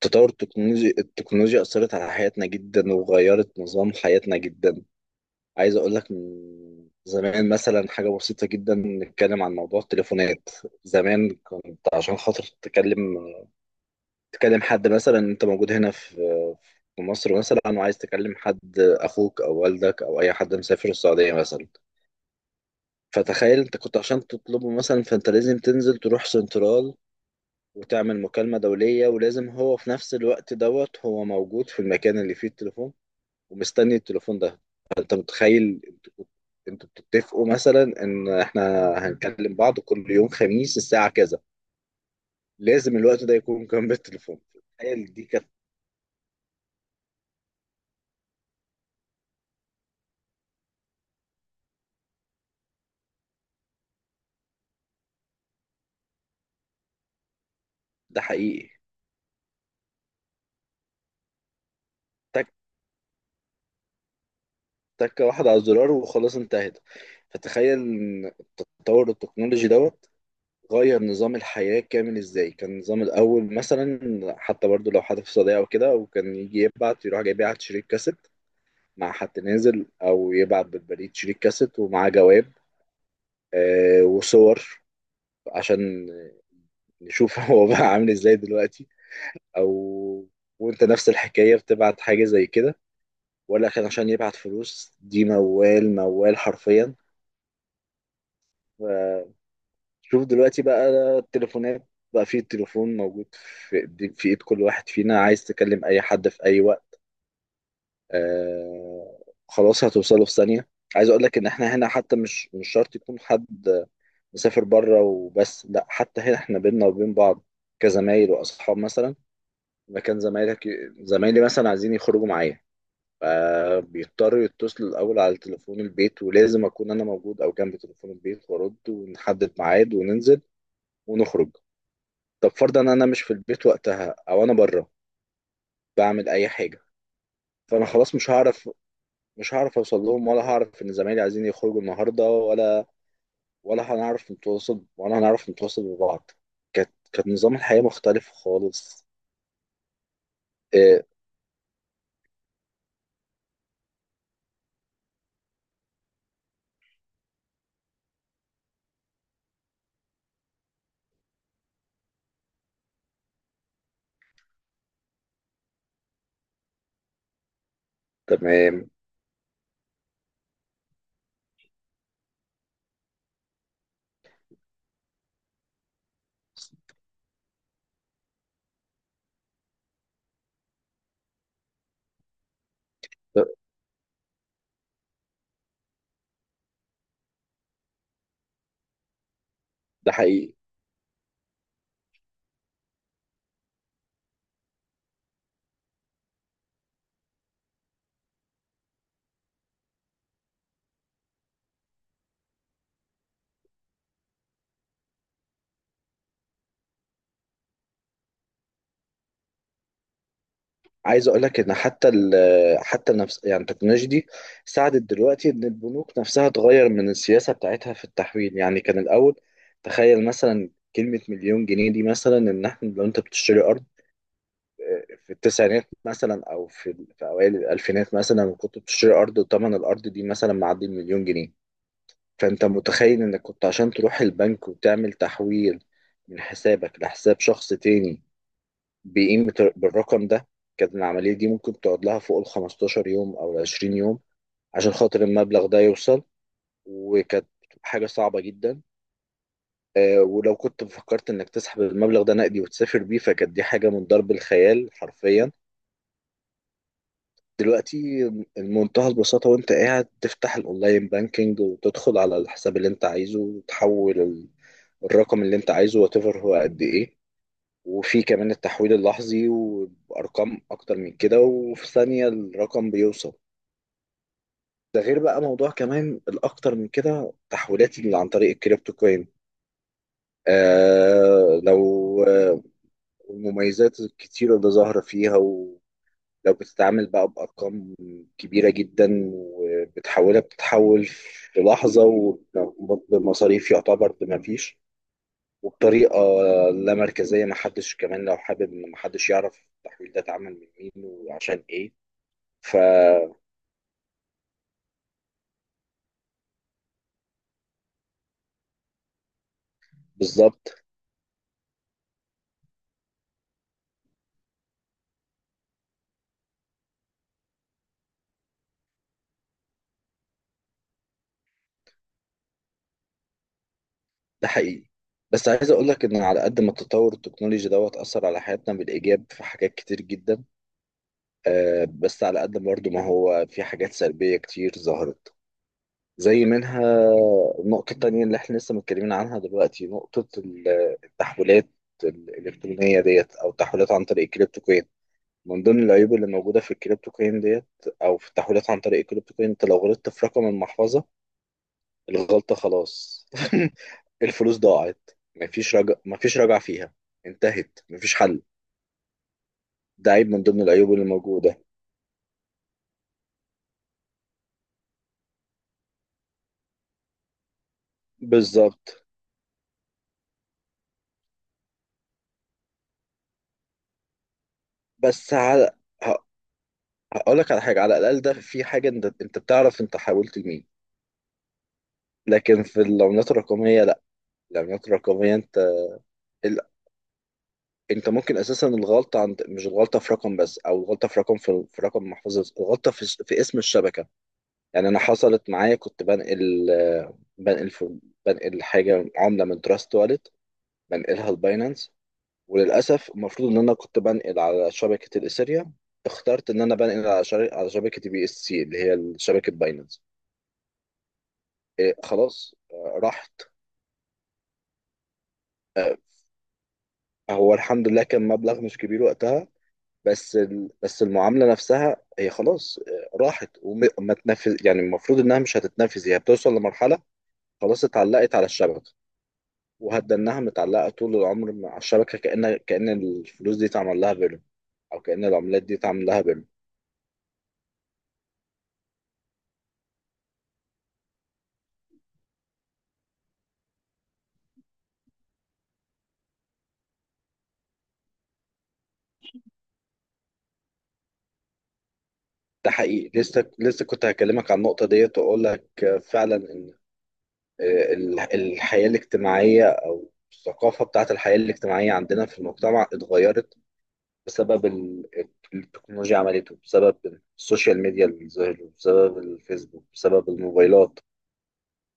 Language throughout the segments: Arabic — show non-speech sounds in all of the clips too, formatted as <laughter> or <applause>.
تطور التكنولوجيا أثرت على حياتنا جدا، وغيرت نظام حياتنا جدا. عايز أقول لك من زمان، مثلا حاجة بسيطة جدا، نتكلم عن موضوع التليفونات. زمان كنت عشان خاطر تتكلم، تكلم حد مثلا، أنت موجود هنا في مصر مثلا، وعايز تكلم حد، أخوك أو والدك أو أي حد مسافر السعودية مثلا. فتخيل أنت كنت عشان تطلبه مثلا، فأنت لازم تنزل تروح سنترال، وتعمل مكالمة دولية، ولازم هو في نفس الوقت دوت هو موجود في المكان اللي فيه التليفون ومستني التليفون ده. فانت متخيل انتوا بتتفقوا مثلا ان احنا هنكلم بعض كل يوم خميس الساعه كذا، لازم الوقت ده يكون جنب التليفون. تخيل، دي كانت. ده حقيقي. تك تكه واحده على الزرار وخلاص انتهت. فتخيل ان التطور التكنولوجي دوت غير نظام الحياه كامل. ازاي كان النظام الاول مثلا؟ حتى برضو لو حد في صداقه او كده، وكان يجي يبعت، يروح جاي يبعت شريط كاسيت مع حد نازل، او يبعت بالبريد شريط كاسيت ومعاه جواب، وصور، عشان نشوف <laughs> هو بقى عامل ازاي دلوقتي. او وانت نفس الحكاية بتبعت حاجة زي كده، ولا كان عشان يبعت فلوس، دي موال موال حرفيا. ف- شوف دلوقتي بقى. التليفونات بقى، فيه التليفون موجود في ايد كل واحد فينا. عايز تكلم اي حد في اي وقت، آه خلاص هتوصله في ثانية. عايز اقول لك ان احنا هنا حتى مش شرط يكون حد مسافر بره وبس، لا، حتى هنا احنا بينا وبين بعض، كزمايل واصحاب مثلا. مكان زمايلك زمايلي مثلا عايزين يخرجوا معايا، فبيضطروا يتصلوا الاول على تليفون البيت، ولازم اكون انا موجود او جنب تليفون البيت وارد، ونحدد ميعاد وننزل ونخرج. طب فرضا انا مش في البيت وقتها، او انا بره بعمل اي حاجة، فانا خلاص مش هعرف اوصل لهم، ولا هعرف ان زمايلي عايزين يخرجوا النهارده، ولا هنعرف نتواصل ببعض. كانت نظام الحياه مختلف خالص. إيه. تمام. ده. ده حقيقي. عايز اقول لك ان حتى حتى نفس يعني التكنولوجيا دي ساعدت دلوقتي ان البنوك نفسها تغير من السياسه بتاعتها في التحويل. يعني كان الاول، تخيل مثلا، كلمه مليون جنيه دي مثلا، ان احنا لو انت بتشتري في التسعينات مثلا، او في اوائل الالفينات مثلا، كنت بتشتري ارض وثمن الارض دي مثلا معدي المليون جنيه. فانت متخيل انك كنت عشان تروح البنك وتعمل تحويل من حسابك لحساب شخص تاني بقيمة بالرقم ده، كانت العملية دي ممكن تقعد لها فوق ال 15 يوم او ال 20 يوم، عشان خاطر المبلغ ده يوصل. وكانت حاجة صعبة جدا. ولو كنت فكرت انك تسحب المبلغ ده نقدي وتسافر بيه، فكانت دي حاجة من ضرب الخيال حرفيا. دلوقتي بمنتهى البساطة، وانت قاعد تفتح الاونلاين بانكينج، وتدخل على الحساب اللي انت عايزه، وتحول الرقم اللي انت عايزه، واتيفر هو قد ايه. وفي كمان التحويل اللحظي وبأرقام اكتر من كده، وفي ثانية الرقم بيوصل. ده غير بقى موضوع كمان الاكتر من كده، تحويلات اللي عن طريق الكريبتو كوين. آه لو آه المميزات الكتيرة اللي ظاهرة فيها. لو بتتعامل بقى بأرقام كبيرة جدا وبتحولها، بتتحول في لحظة، وبمصاريف يعتبر بمفيش، وبطريقة لا مركزية. محدش كمان، لو حابب، إن محدش يعرف التحويل ده اتعمل من مين وعشان إيه. فبالظبط. ده حقيقي. بس عايز اقول لك ان على قد ما التطور التكنولوجي دوت اثر على حياتنا بالايجاب في حاجات كتير جدا، بس على قد برضه ما هو في حاجات سلبيه كتير ظهرت. زي منها النقطة التانية اللي احنا لسه متكلمين عنها دلوقتي، نقطة التحويلات الإلكترونية ديت، أو التحويلات عن طريق الكريبتو كوين. من ضمن العيوب اللي موجودة في الكريبتو كوين ديت، أو في التحويلات عن طريق الكريبتو كوين، أنت لو غلطت في رقم المحفظة، الغلطة خلاص <laughs> الفلوس ضاعت. مفيش رجع فيها. انتهت. مفيش حل. ده عيب من ضمن العيوب اللي موجودة. بالظبط. بس على، هقول لك على حاجة، على الأقل ده في حاجة، أنت بتعرف أنت حاولت لمين. لكن في العملات الرقمية لا. العملات الرقمية، انت ال- انت ممكن اساسا الغلطة عند، مش الغلطة في رقم بس، او الغلطة في رقم، في رقم محفظة، الغلطة في اسم الشبكة. يعني انا حصلت معايا، كنت بنقل، بنقل في بنقل حاجة، عملة من تراست والت، بنقلها لباينانس، وللأسف المفروض ان انا كنت بنقل على شبكة الاثيريا، اخترت ان انا بنقل على على شبكة بي اس سي، اللي هي شبكة باينانس. إيه، خلاص، راحت. هو الحمد لله كان مبلغ مش كبير وقتها، بس بس المعامله نفسها هي خلاص راحت. وما تنفذ، يعني المفروض انها مش هتتنفذ، هي بتوصل لمرحله، خلاص اتعلقت على الشبكه، وهتضل انها متعلقه طول العمر مع الشبكه، كأن الفلوس دي اتعمل لها بيرم، او كأن العملات دي اتعمل لها بيرم. ده حقيقي. لسه كنت هكلمك عن النقطه ديت، واقول لك فعلا ان، الحياه الاجتماعيه او الثقافه بتاعت الحياه الاجتماعيه عندنا في المجتمع اتغيرت بسبب التكنولوجيا. عملته بسبب السوشيال ميديا اللي ظهرت، بسبب الفيسبوك، بسبب الموبايلات.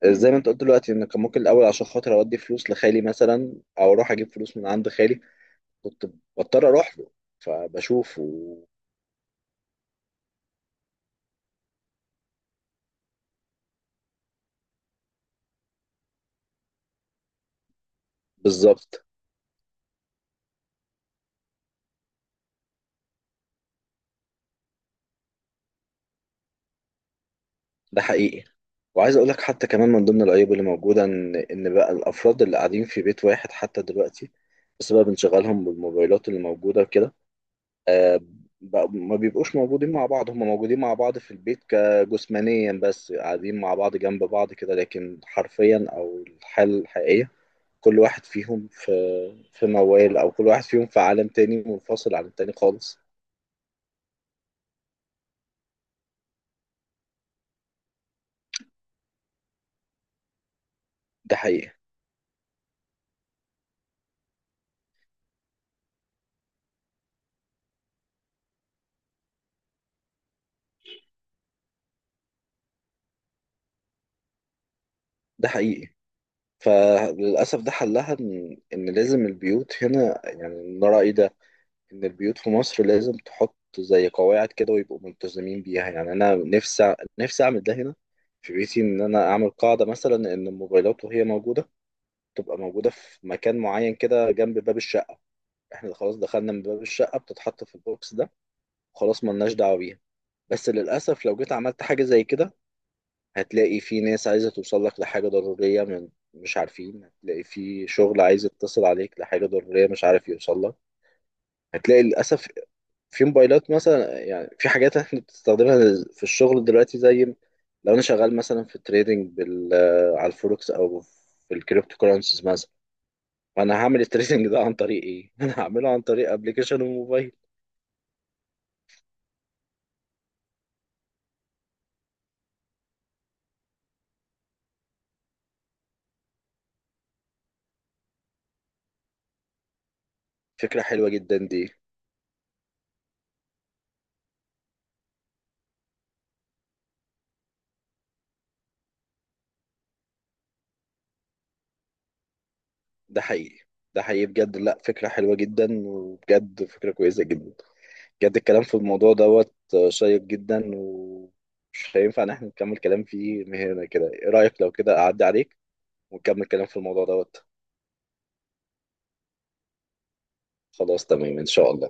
زي ما انت قلت دلوقتي، ان كان ممكن الاول عشان خاطر اودي فلوس لخالي مثلا، او اروح اجيب فلوس من عند خالي، كنت بضطر اروح له، فبشوفه. بالظبط. ده حقيقي. وعايز اقول لك حتى كمان من ضمن العيوب اللي موجوده، ان بقى الافراد اللي قاعدين في بيت واحد حتى دلوقتي، بسبب انشغالهم بالموبايلات اللي موجوده كده، آه، ما بيبقوش موجودين مع بعض. هم موجودين مع بعض في البيت كجسمانيا بس، قاعدين مع بعض جنب بعض كده، لكن حرفيا او الحالة الحقيقية كل واحد فيهم في موال، او كل واحد فيهم في عالم تاني منفصل عن التاني خالص. ده حقيقي. ده حقيقي. فللأسف ده حلها، إن لازم البيوت هنا، يعني من رأيي ده، ان البيوت في مصر لازم تحط زي قواعد كده ويبقوا ملتزمين بيها. يعني انا نفسي نفسي اعمل ده هنا في بيتي، ان انا اعمل قاعده مثلا ان الموبايلات وهي موجوده تبقى موجوده في مكان معين كده جنب باب الشقه. احنا خلاص دخلنا من باب الشقه، بتتحط في البوكس ده، خلاص ملناش دعوه بيها. بس للاسف لو جيت عملت حاجه زي كده، هتلاقي في ناس عايزه توصل لك لحاجه ضروريه، من، مش عارفين، هتلاقي في شغل عايز يتصل عليك لحاجه ضروريه، مش عارف يوصل لك. هتلاقي للأسف في موبايلات مثلا، يعني في حاجات احنا بتستخدمها في الشغل دلوقتي، زي لو انا شغال مثلا في تريدنج بال على الفوركس، او في الكريبتو كورنسيز مثلا، فانا هعمل التريدنج ده عن طريق ايه؟ <laughs> انا هعمله عن طريق ابلكيشن وموبايل. فكرة حلوة جدا دي. ده حقيقي. ده حقيقي بجد، لا، فكرة حلوة جدا، وبجد فكرة كويسة جدا. بجد الكلام في الموضوع دوت شيق جدا، ومش هينفع ان احنا نكمل كلام فيه من هنا كده. ايه رأيك لو كده اعدي عليك ونكمل كلام في الموضوع دوت؟ خلاص تمام إن شاء الله.